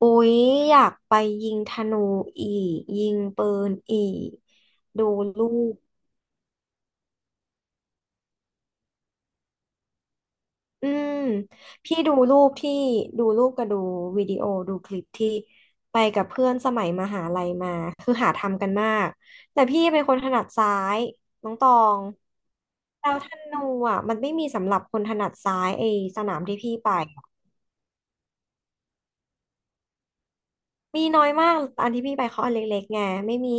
อุ๊ยอยากไปยิงธนูอีกยิงปืนอีกดูรูปอืมพี่ดูรูปที่ดูรูปกับดูวิดีโอดูคลิปที่ไปกับเพื่อนสมัยมหาลัยมาคือหาทำกันมากแต่พี่เป็นคนถนัดซ้ายน้องตองแล้วธนูอ่ะมันไม่มีสำหรับคนถนัดซ้ายไอ้สนามที่พี่ไปมีน้อยมากอันที่พี่ไปเขาอันเล็กๆไงไม่มี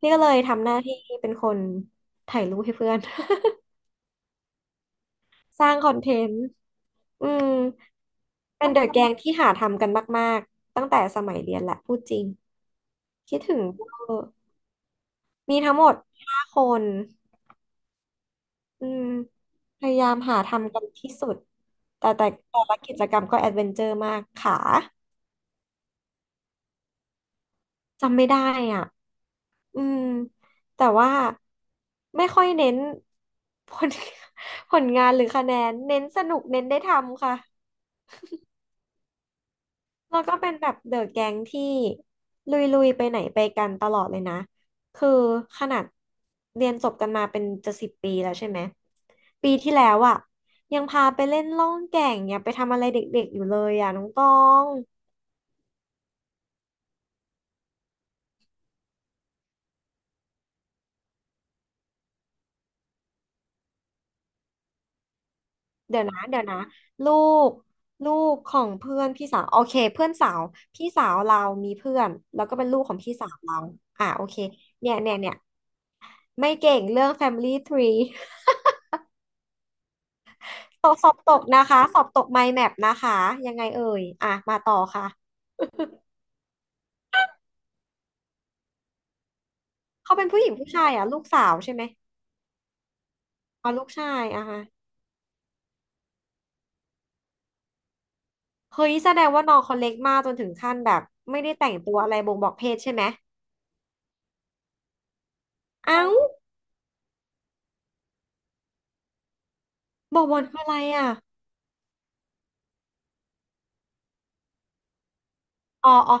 พี่ก็เลยทำหน้าที่เป็นคนถ่ายรูปให้เพื่อน สร้างคอนเทนต์ อืมเป็นเดอะแกงที่หาทำกันมากๆตั้งแต่สมัยเรียนแหละพูดจริง คิดถึงเวอร์มีทั้งหมดห้าคนอืมพยายามหาทำกันที่สุด แต่แต่แต่ละกิจกรรมก็แอดเวนเจอร์มากขาจำไม่ได้อ่ะ อืมแต่ว่าไม่ค่อยเน้นผล ผลงานหรือคะแนน เน้นสนุกเน้นได้ทำค่ะ แล้วก็เป็นแบบเดอะแก๊งที่ลุยๆไปไหนไปกันตลอดเลยนะคือขนาดเรียนจบกันมาเป็นจะสิบปีแล้วใช่ไหมปีที่แล้วอ่ะยังพาไปเล่นล่องแก่งเนี่ยไปทำอะไรเด็กๆอยู่เลยอ่ะน้องตองเดี๋ยวนะเดี๋ยวนะลูกลูกของเพื่อนพี่สาวโอเคเพื่อนสาวพี่สาวเรามีเพื่อนแล้วก็เป็นลูกของพี่สาวเราอ่าโอเคเนี่ยเนี่ยเนี่ยไม่เก่งเรื่อง Family Tree สอบตกนะคะสอบตก mind map นแมปนะคะ ยังไงเอ่ย อ่ะมาต่อค่ะเขาเป็นผู้หญิงผู้ชายอ่ะลูกสาวใช่ไหมอ๋อลูกชาย อ่ะฮะเฮ้ยแสดงว่าน้องเขาเล็กมากจนถึงขั้นแบบไม่ได้แต่งตัวอะไรบ่งบอกเพศใช่ไหมเอ้าบ่อบอลคืออะไรอ่ะอ๋ออ๋อ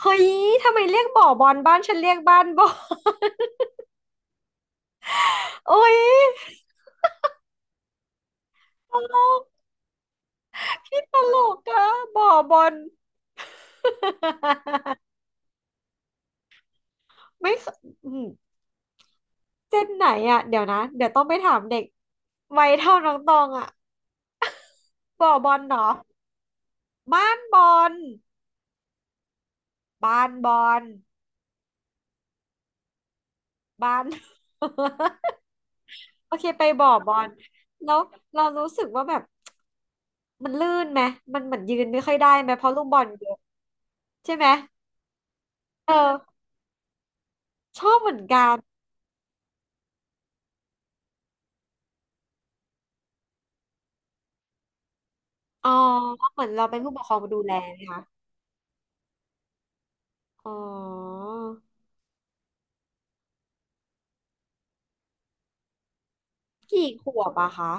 เฮ้ย ทำไมเรียกบ่อบอลบ้านฉันเรียกบ้านบ่อ โอ้ยตลกพี่ตลกอะบ่อบอล ไม่เคอืมเจนไหนอ่ะเดี๋ยวนะเดี๋ยวต้องไปถามเด็กวัยเท่าน้องตองอ่ะ บ่อบอลเนาะบ้านบอลบ้านบอลบ้าน โอเคไปบ่อบอลแล้วเรารู้สึกว่าแบบมันลื่นไหมมันเหมือนยืนไม่ค่อยได้ไหมเพราะลูกบอลเยอะใช่ไหมเออชอบเหมือนกันอ๋อเหมือนเราเป็นผู้ปกครองมาดูแลนะคะอ๋อกี่ขวบอะคะ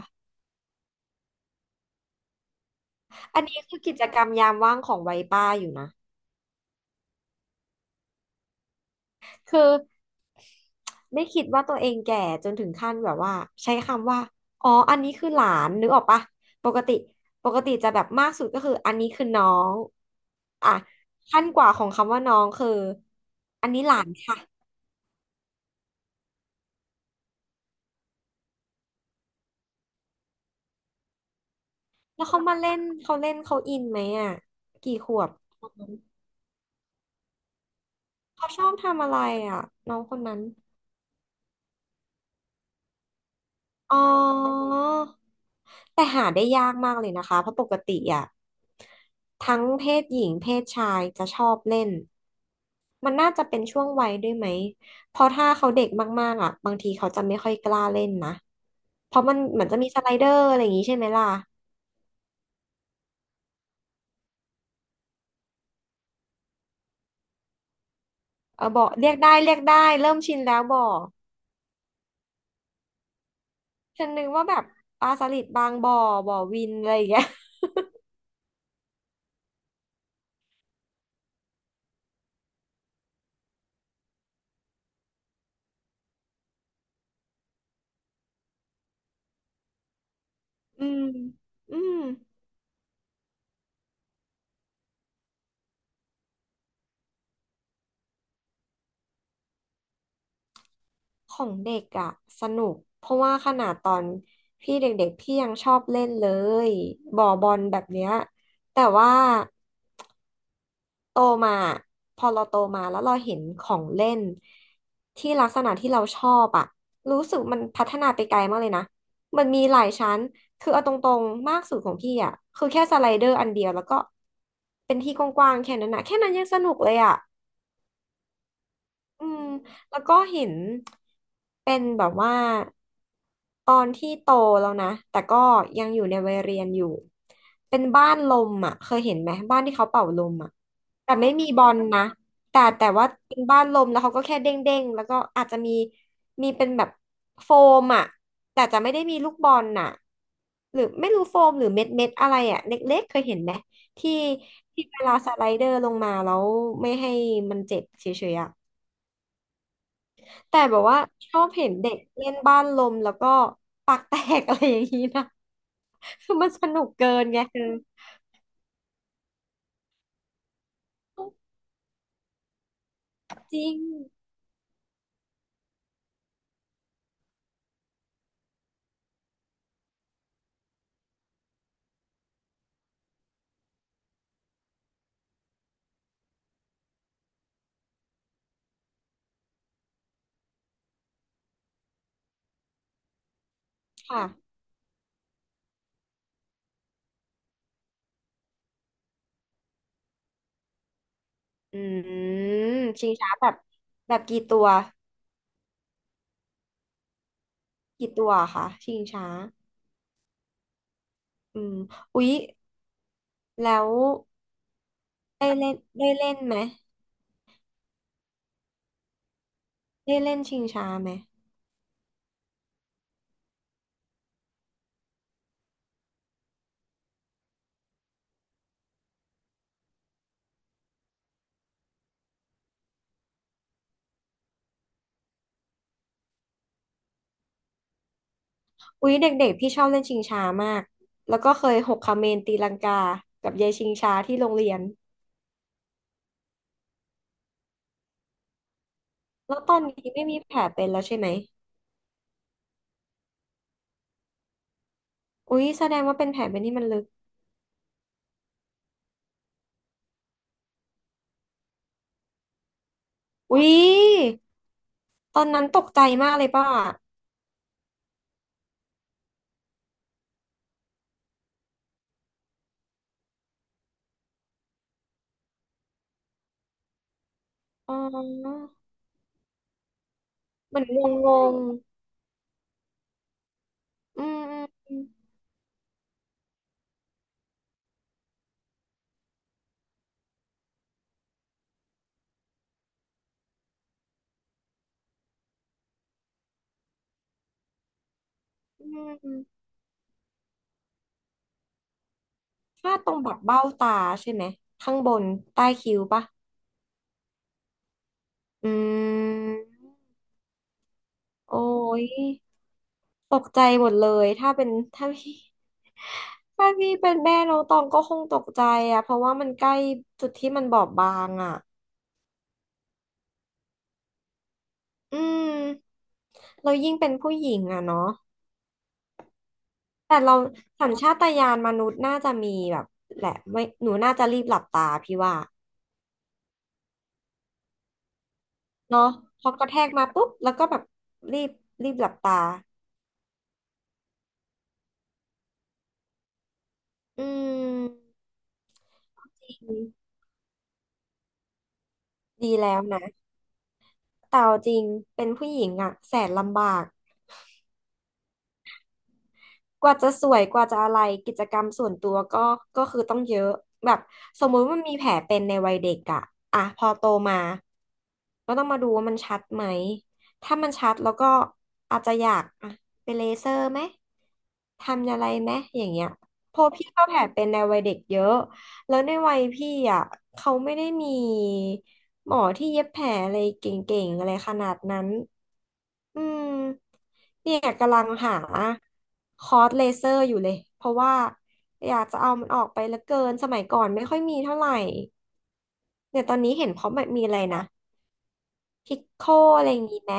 อันนี้คือกิจกรรมยามว่างของวัยป้าอยู่นะ คือไม่คิดว่าตัวเองแก่จนถึงขั้นแบบว่าใช้คำว่าอ๋ออันนี้คือหลานนึกออกปะปกติปกติจะแบบมากสุดก็คืออันนี้คือน้องอ่ะขั้นกว่าของคำว่าน้องคืออันนี้หลานค่ะแล้วเขามาเล่นเขาเล่นเขาอินไหมอ่ะกี่ขวบเขาชอบทำอะไรอ่ะน้องคนนั้น อ๋อ แต่หาได้ยากมากเลยนะคะ เพราะปกติอ่ะทั้งเพศหญิงเพศชายจะชอบเล่นมันน่าจะเป็นช่วงวัยด้วยไหมเพราะถ้าเขาเด็กมากๆอ่ะบางทีเขาจะไม่ค่อยกล้าเล่นนะเพราะมันเหมือนจะมีสไลเดอร์อะไรอย่างนี้ใช่ไหมล่ะเออบอเรียกได้เรียกได้เริ่มชินแล้วบ่อฉันนึกว่าแบบปลาสลิดบางบ่อบ่อวินอะไรอย่างเงี้ย อืมอืม ของเด็กอะสนุกเพราะว่าขนาดตอนพี่เด็กๆพี่ยังชอบเล่นเลยบ่อบอลแบบเนี้ยแต่ว่าโตมาพอเราโตมาแล้วเราเห็นของเล่นที่ลักษณะที่เราชอบอะรู้สึกมันพัฒนาไปไกลมากเลยนะมันมีหลายชั้นคือเอาตรงๆมากสุดของพี่อะคือแค่สไลเดอร์อันเดียวแล้วก็เป็นที่กว้างๆแค่นั้นนะแค่นั้นยังสนุกเลยอะ อืมแล้วก็เห็นเป็นแบบว่าตอนที่โตแล้วนะแต่ก็ยังอยู่ในวัยเรียนอยู่เป็นบ้านลมอ่ะเคยเห็นไหมบ้านที่เขาเป่าลมอ่ะแต่ไม่มีบอลนะแต่ว่าเป็นบ้านลมแล้วเขาก็แค่เด้งเด้งแล้วก็อาจจะมีมีเป็นแบบโฟมอ่ะแต่จะไม่ได้มีลูกบอลน่ะหรือไม่รู้โฟมหรือเม็ดเม็ดอะไรอ่ะเล็กๆเคยเห็นไหมที่ที่เวลาสไลเดอร์ลงมาแล้วไม่ให้มันเจ็บเฉยๆอ่ะ แต่แบบว่าชอบเห็นเด็กเล่นบ้านลมแล้วก็ปากแตก อะไรอย่างนี้นะคือมันสนุกเกินไงคือจริงค่ะอืมชิงช้าแบบแบบกี่ตัวกี่ตัวคะชิงช้าอืมอุ๊ยแล้วได้เล่นไหมได้เล่นชิงช้าไหมอุ๊ยเด็กๆพี่ชอบเล่นชิงช้ามากแล้วก็เคยหกคาเมนตีลังกากับยายชิงช้าที่โรงเรียนแล้วตอนนี้ไม่มีแผลเป็นแล้วใช่ไหมอุ๊ยแสดงว่าเป็นแผลเป็นที่มันลึก อุ๊ยตอนนั้นตกใจมากเลยป่ะอ๋อเหมือนงงงอืมอืมอืมอืมพลาดตรงแบบเบ้าตาใช่ไหมข้างบนใต้คิ้วป่ะอืมโอ้ยตกใจหมดเลยถ้าเป็นถ้าพี่ถ้าพี่เป็นแม่น้องตองก็คงตกใจอะเพราะว่ามันใกล้จุดที่มันบอบบางอะอืมเรายิ่งเป็นผู้หญิงอะเนาะ แต่เราสัญชาตญาณมนุษย์น่าจะมีแบบแหละไม่หนูน่าจะรีบหลับตาพี่ว่าเนาะพอกระแทกมาปุ๊บแล้วก็แบบรีบรีบหลับตาอืมดีแล้วนะแต่เอาจริงเป็นผู้หญิงอะแสนลำบาก กว่าจะสวยกว่าจะอะไรกิจกรรมส่วนตัวก็คือต้องเยอะแบบสมมุติว่ามันมีแผลเป็นในวัยเด็กอะอ่ะพอโตมาก็ต้องมาดูว่ามันชัดไหมถ้ามันชัดแล้วก็อาจจะอยากอ่ะไปเลเซอร์ไหม ทำอะไรไหมอย่างเงี้ยเพราะพี่ก็แผลเป็นในวัยเด็กเยอะ แล้วในวัยพี่อ่ะเขาไม่ได้มีหมอที่เย็บแผลอะไรเก่งๆอะไรขนาดนั้นอืมเนี่ยกำลังหาคอร์สเลเซอร์อยู่เลย เพราะว่าอยากจะเอามันออกไปเหลือเกินสมัยก่อนไม่ค่อยมีเท่าไหร่เนี่ยตอนนี้เห็นเขาแบบมีอะไรนะพิกโคอะไรอย่างงี้ไหม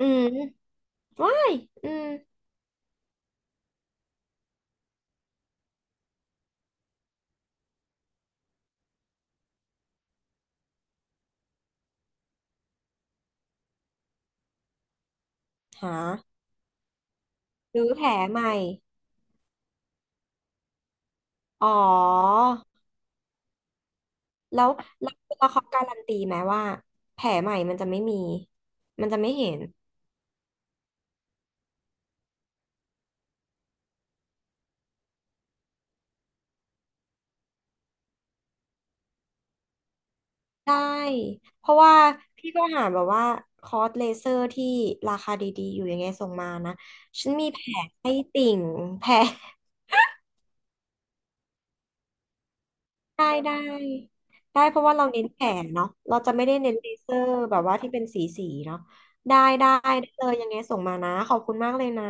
อืมว้ายอืมหารื้อแผลใหม่อ๋อ แล้วแล้วแล้วเขาการันตีไหมว่าแผลใหม่มันจะไม่มีมันจะไม่เห็นได้เพราะว่าพี่ก็หาแบบว่าคอร์สเลเซอร์ที่ราคาดีๆอยู่ยังไงส่งมานะฉันมีแผลให้ติ่งแผลได้ได้เพราะว่าเราเน้นแผลเนาะเราจะไม่ได้เน้นเลเซอร์แบบว่าที่เป็นสีเนาะได้ได้ได้เลยยังไงส่งมานะขอบคุณมากเลยนะ